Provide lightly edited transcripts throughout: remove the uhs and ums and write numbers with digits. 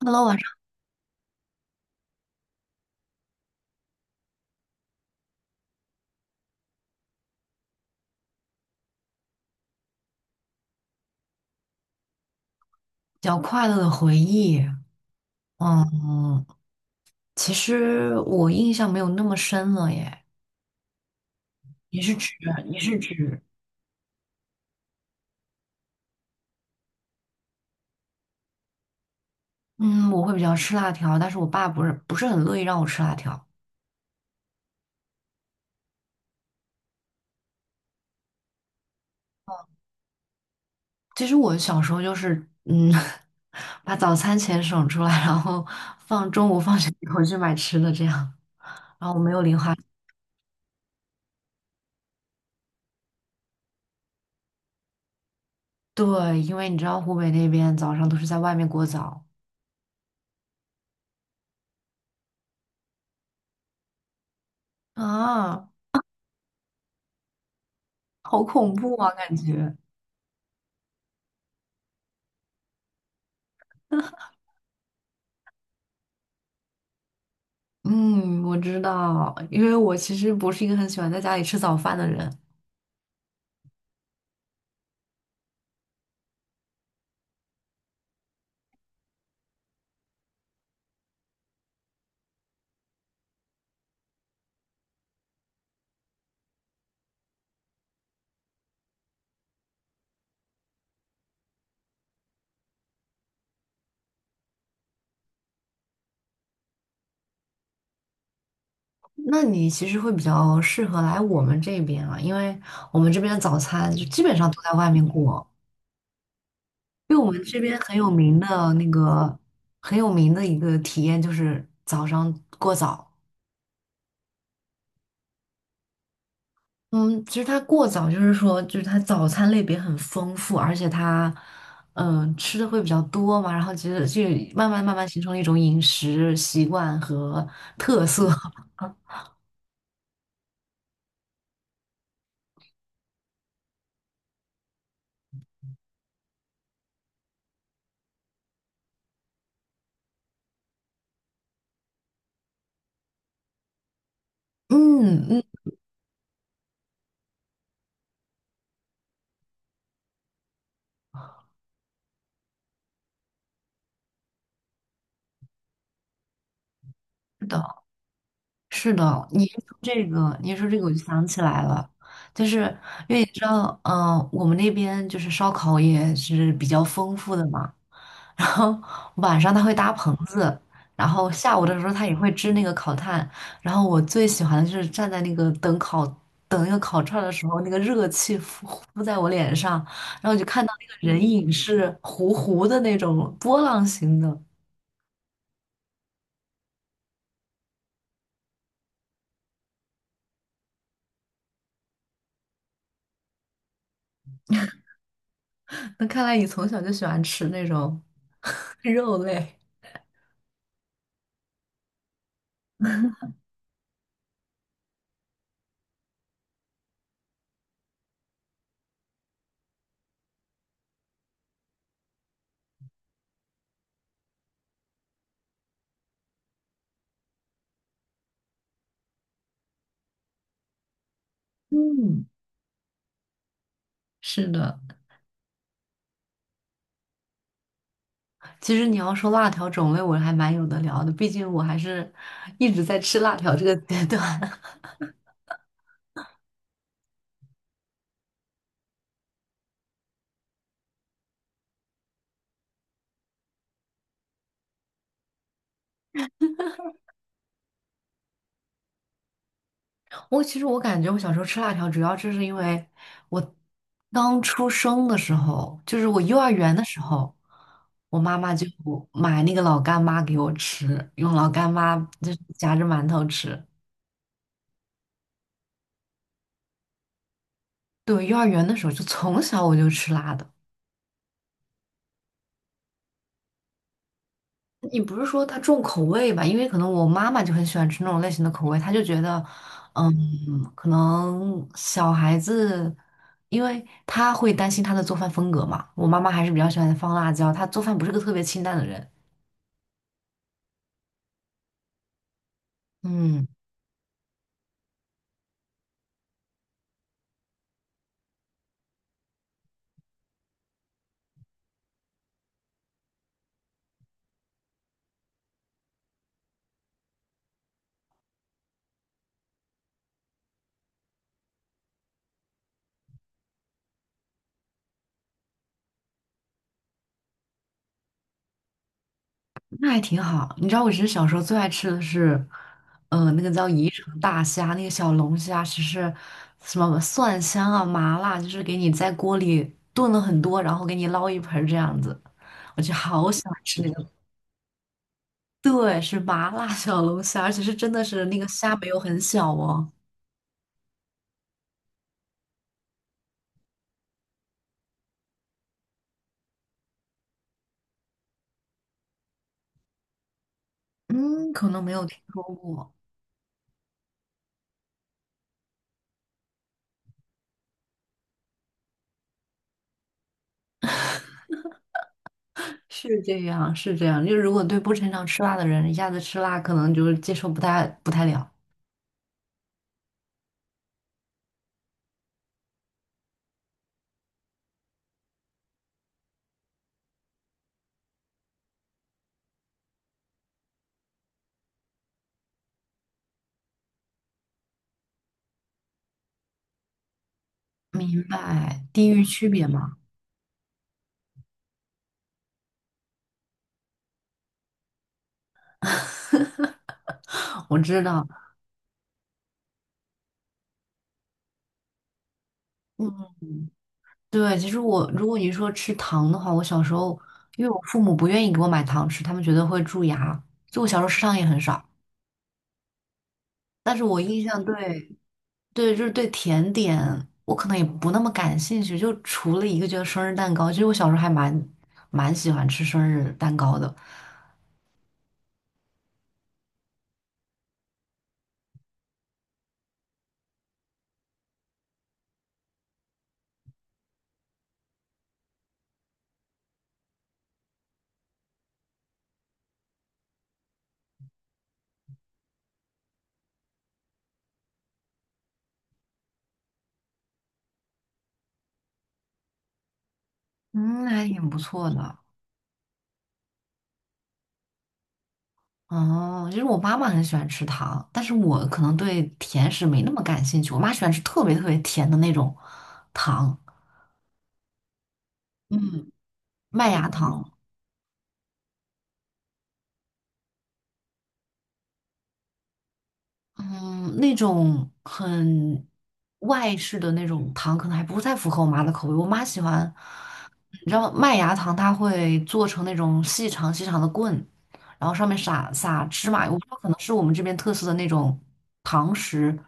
Hello，晚上比较快乐的回忆，嗯，其实我印象没有那么深了耶。你是指你是指，嗯，我会比较吃辣条，但是我爸不是很乐意让我吃辣条。其实我小时候就是，嗯，把早餐钱省出来，然后放中午放学以后去买吃的这样，然后我没有零花钱。对，因为你知道湖北那边早上都是在外面过早啊，好恐怖啊，感觉。嗯，我知道，因为我其实不是一个很喜欢在家里吃早饭的人。那你其实会比较适合来我们这边啊，因为我们这边的早餐就基本上都在外面过。因为我们这边很有名的那个很有名的一个体验就是早上过早。嗯，其实它过早就是说，就是它早餐类别很丰富，而且它吃的会比较多嘛，然后其实就慢慢形成了一种饮食习惯和特色。嗯嗯，是的，是的，你一说这个，我就想起来了，就是因为你知道，我们那边就是烧烤也是比较丰富的嘛，然后晚上他会搭棚子，然后下午的时候他也会支那个烤炭，然后我最喜欢的就是站在那个等那个烤串儿的时候，那个热气呼呼在我脸上，然后我就看到那个人影是糊糊的那种波浪形的，那看来你从小就喜欢吃那种。肉类。嗯，是的，其实你要说辣条种类，我还蛮有的聊的，毕竟我还是一直在吃辣条这个阶段。其实我感觉我小时候吃辣条，主要就是因为我刚出生的时候，就是我幼儿园的时候，我妈妈就买那个老干妈给我吃，用老干妈就是夹着馒头吃。对，幼儿园的时候就从小我就吃辣的。你不是说他重口味吧？因为可能我妈妈就很喜欢吃那种类型的口味，她就觉得，嗯，可能小孩子，因为她会担心她的做饭风格嘛。我妈妈还是比较喜欢放辣椒，她做饭不是个特别清淡的人。嗯，那还挺好。你知道我其实小时候最爱吃的是，那个叫宜城大虾，那个小龙虾，其实什么蒜香啊、麻辣，就是给你在锅里炖了很多，然后给你捞一盆儿这样子。我就好喜欢吃那个。对，是麻辣小龙虾，而且是真的是那个虾没有很小哦。嗯，可能没有听说过。是这样，是这样。就如果对不擅长吃辣的人，一下子吃辣，可能就是接受不太了。明白，地域区别嘛。我知道。对，其实我如果你说吃糖的话，我小时候因为我父母不愿意给我买糖吃，他们觉得会蛀牙，就我小时候吃糖也很少。但是我印象对，对，就是对甜点，我可能也不那么感兴趣。就除了一个，就是生日蛋糕，其实我小时候还蛮喜欢吃生日蛋糕的，嗯，还挺不错的。哦，就是我妈妈很喜欢吃糖，但是我可能对甜食没那么感兴趣。我妈喜欢吃特别特别甜的那种糖，嗯，麦芽糖。嗯，那种很外式的那种糖，可能还不太符合我妈的口味。我妈喜欢，你知道麦芽糖，它会做成那种细长细长的棍，然后上面撒芝麻油。我不知道，可能是我们这边特色的那种糖食，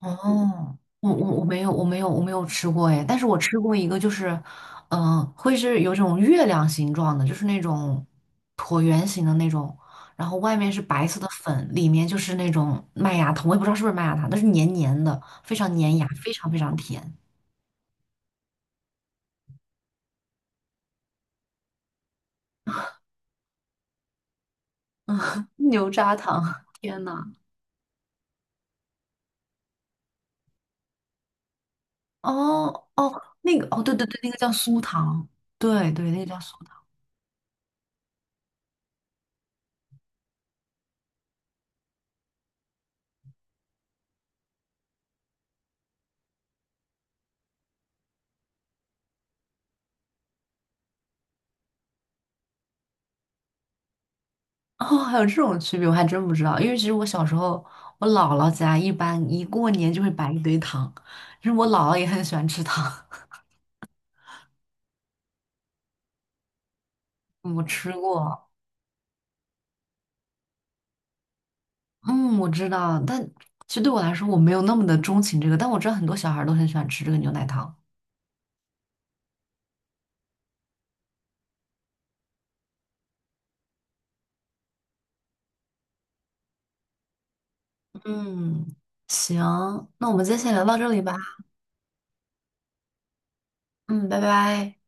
哦，我没有吃过哎，但是我吃过一个，就是，会是有种月亮形状的，就是那种椭圆形的那种，然后外面是白色的粉，里面就是那种麦芽糖，我也不知道是不是麦芽糖，但是黏黏的，非常粘牙，非常非常甜。嗯，牛轧糖，天呐！哦哦，那个哦，对对对，那个叫酥糖，对对，那个叫酥糖。哦，还有这种区别，我还真不知道。因为其实我小时候，我姥姥家一般一过年就会摆一堆糖，其实我姥姥也很喜欢吃糖，我吃过，嗯，我知道，但其实对我来说，我没有那么的钟情这个，但我知道很多小孩儿都很喜欢吃这个牛奶糖。嗯，行，那我们今天先聊到这里吧。嗯，拜拜。